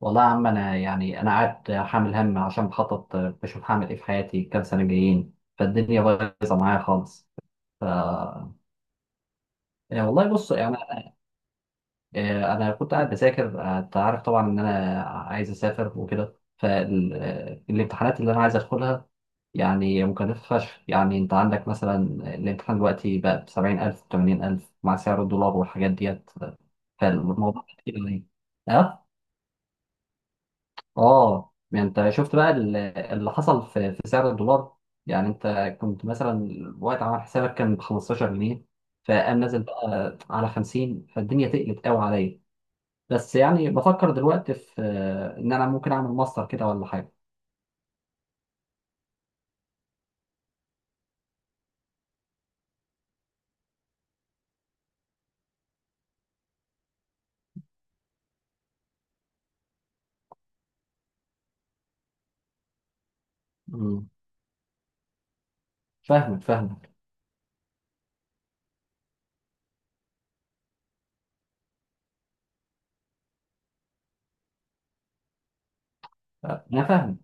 والله يا عم، انا يعني انا قاعد حامل هم عشان بخطط بشوف هعمل ايه في حياتي كام سنه جايين. فالدنيا بايظه معايا خالص. ف يعني والله بص يعني أنا كنت قاعد بذاكر. انت عارف طبعا ان انا عايز اسافر وكده، فالامتحانات اللي انا عايز ادخلها يعني مكلفه فشخ. يعني انت عندك مثلا الامتحان دلوقتي بقى ب 70,000 80,000 مع سعر الدولار والحاجات ديت، فالموضوع كتير يعني. اه يعني انت شفت بقى اللي حصل في سعر الدولار. يعني انت كنت مثلا وقت عمل حسابك كان ب 15 جنيه، فقام نازل بقى على 50، فالدنيا تقلت قوي عليا. بس يعني بفكر دلوقتي في، ان انا ممكن اعمل ماستر كده ولا حاجه. امم. فاهمك فاهمك. انا فاهمك.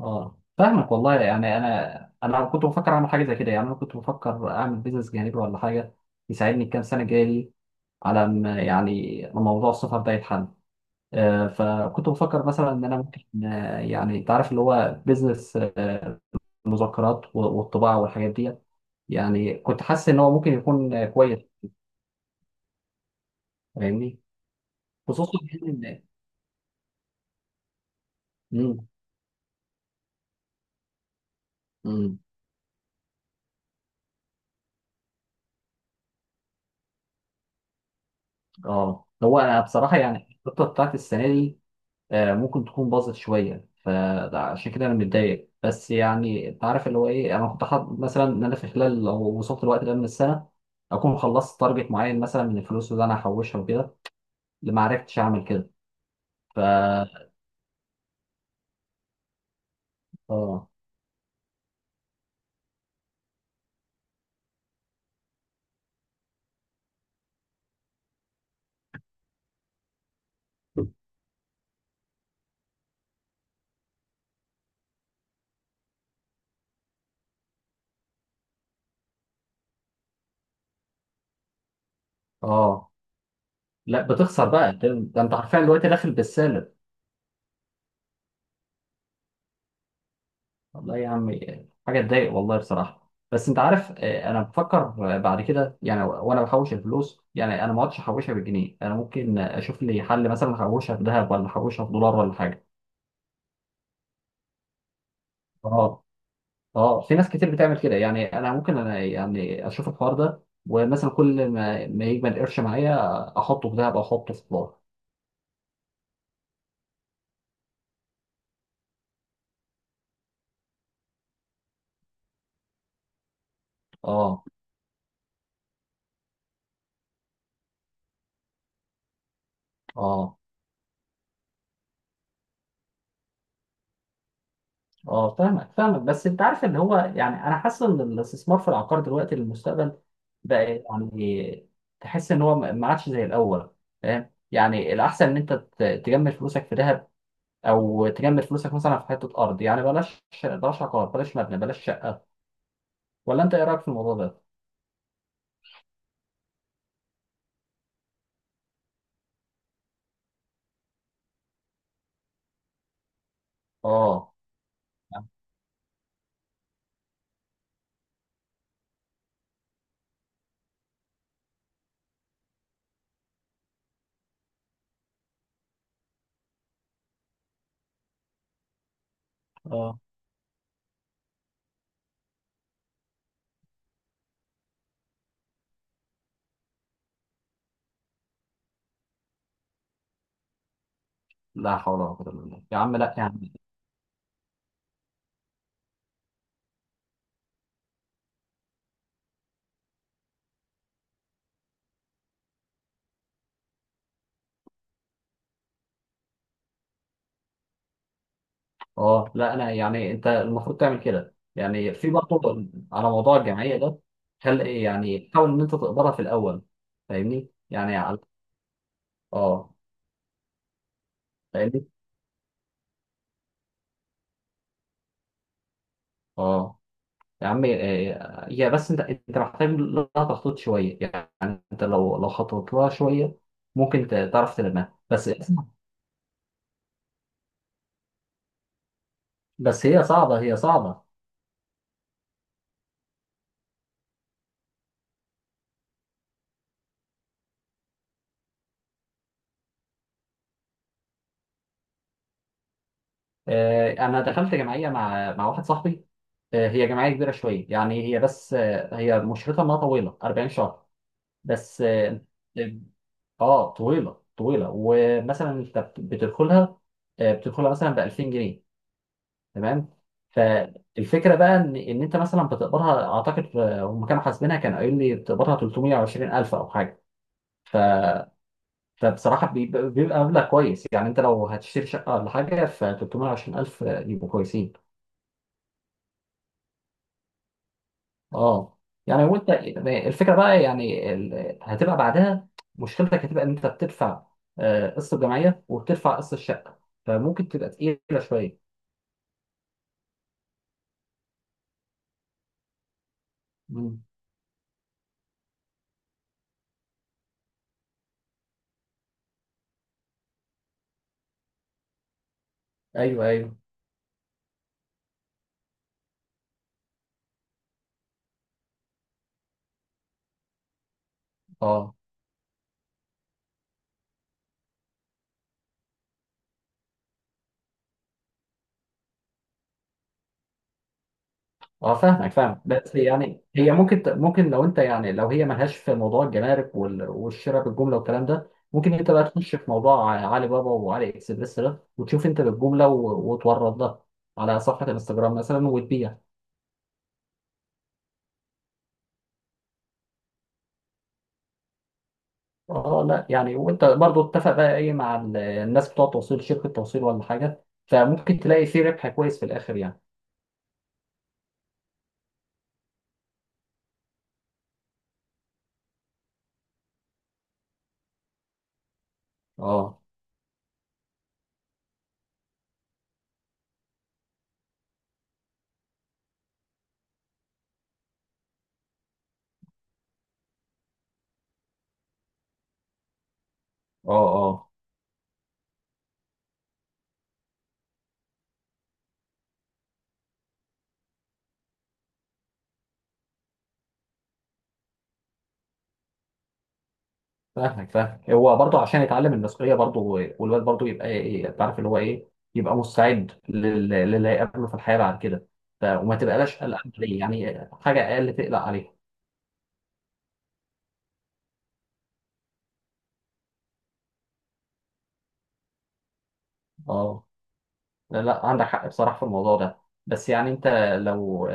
اه فاهمك والله. يعني انا كنت بفكر اعمل حاجه زي كده، يعني انا كنت بفكر اعمل بيزنس جانبي ولا حاجه يساعدني الكام سنه الجايه دي، على ما يعني موضوع السفر ده يتحل. فكنت بفكر مثلا ان انا ممكن، يعني انت عارف اللي هو بيزنس المذكرات والطباعه والحاجات ديت. يعني كنت حاسس ان هو ممكن يكون كويس. فاهمني. خصوصا يعني ان، مم، مم، اه هو انا بصراحه يعني الخطه بتاعت السنه دي ممكن تكون باظت شويه. فعشان كده انا متضايق، بس يعني انت عارف اللي هو ايه، انا كنت حاطط مثلا ان انا في خلال لو وصلت الوقت ده من السنه اكون خلصت تارجت معين مثلا من الفلوس اللي انا هحوشها وكده، اللي ما عرفتش اعمل كده. اه. اه. لا، بتخسر بقى ده، ده انت حرفيا دلوقتي داخل بالسالب. والله يا عمي، حاجه تضايق والله بصراحه. بس انت عارف، انا بفكر، بعد كده يعني وانا بحوش الفلوس، يعني انا ما اقعدش احوشها بالجنيه، انا ممكن اشوف لي حل مثلا احوشها في ذهب ولا احوشها في دولار ولا حاجه. اه. اه في ناس كتير بتعمل كده، يعني انا ممكن، انا يعني اشوف الحوار ده ومثلا كل ما يجمل قرش معايا احطه في ذهب او احطه في دولار. اه. اه. اه فاهمك فاهمك، بس انت عارف ان هو يعني انا حاسس ان الاستثمار في العقار دلوقتي للمستقبل بقى يعني، تحس ان هو ما عادش زي الاول. فاهم يعني الاحسن ان انت تجمد فلوسك في ذهب، او تجمد فلوسك مثلا في حته ارض يعني، بلاش بلاش عقار، بلاش مبنى، بلاش شقه. ولا انت ايه رايك في الموضوع ده؟ اه. اه. لا حول ولا قوه الا بالله يا عم، لا يعني. اه لا لا، يعني انت المفروض تعمل كده يعني. في برضه على موضوع الجمعيه ده، خل يعني حاول ان انت تقدرها في الاول. فاهمني يعني على، اه فاهمني. اه يا عم، هي بس انت محتاج لها تخطيط شويه. يعني انت لو خططت لها شويه ممكن تعرف تلمها، بس بس هي صعبه، هي صعبه. انا دخلت جمعيه مع واحد صاحبي. هي جمعيه كبيره شويه يعني. هي بس هي مشرتها انها طويله 40 شهر. بس اه. طويله طويله. ومثلا انت بتدخلها مثلا ب 2000 جنيه، تمام. فالفكره بقى ان انت مثلا بتقبضها، اعتقد هم كانوا حاسبينها كان قايل لي بتقبضها 320 الف او حاجه. فبصراحه بيبقى مبلغ كويس يعني. انت لو هتشتري شقه ولا حاجه، ف 320 الف يبقوا كويسين. اه يعني. وانت الفكره بقى يعني، هتبقى بعدها مشكلتك، هتبقى ان انت بتدفع قسط الجمعيه وبتدفع قسط الشقه، فممكن تبقى تقيله شويه. مم. ايوه ايوه. اه. اه فاهمك فاهم. بس يعني هي، ممكن لو انت يعني لو هي ملهاش في موضوع الجمارك والشراء بالجمله والكلام ده، ممكن انت بقى تخش في موضوع علي بابا وعلي اكسبريس ده وتشوف انت بالجمله وتورد ده على صفحه الانستجرام مثلا وتبيع. اه لا يعني، وانت برضو اتفق بقى ايه مع الناس بتوع التوصيل، شركة توصيل ولا حاجة، فممكن تلاقي فيه ربح كويس في الاخر يعني. اه. اه. اه فاهمك فاهمك. هو برضو عشان يتعلم المسؤولية برضو، والواد برضو يبقى ايه، تعرف اللي هو ايه، يبقى مستعد للي هيقابله في الحياة بعد كده. وما تبقاش قلقان عليه يعني، حاجة اقل تقلق عليها. اه لا لا، عندك حق بصراحة في الموضوع ده. بس يعني انت لو،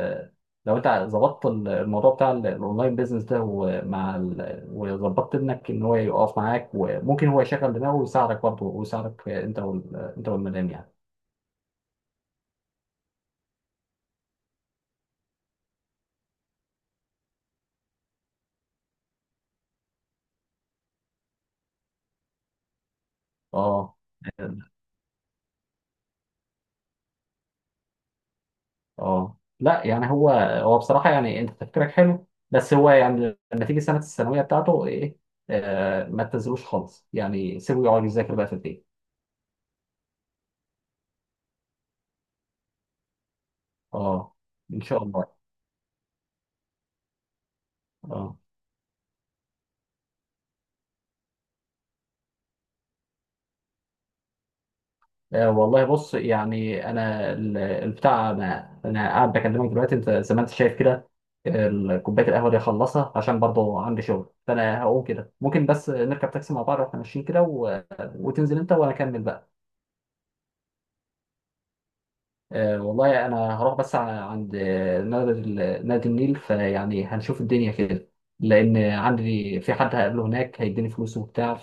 لو انت ظبطت الموضوع بتاع الاونلاين بيزنس ده، ومع وظبطت ابنك ان هو يقف معاك، وممكن هو يشغل دماغه ويساعدك برضه ويساعدك انت انت والمدام يعني. اه. اه لا يعني هو بصراحة يعني انت تفكيرك حلو. بس هو يعني لما تيجي سنة الثانوية بتاعته ايه، آه ما تنزلوش خالص يعني، سيبه يقعد يذاكر بقى في البيت. اه. ان شاء الله. اه. والله بص يعني انا البتاع، انا انا قاعد بكلمك دلوقتي انت زي ما انت شايف كده. كوبايه القهوه دي اخلصها عشان برضه عندي شغل، فانا هقوم كده. ممكن بس نركب تاكسي مع بعض واحنا ماشيين كده و... وتنزل انت وانا اكمل بقى. والله انا هروح بس عند نادي نادي النيل، فيعني هنشوف الدنيا كده، لان عندي في حد هقابله هناك هيديني فلوس وبتاع،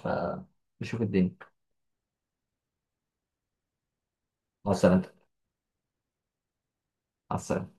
فنشوف الدنيا. مع السلامه. مع السلامه.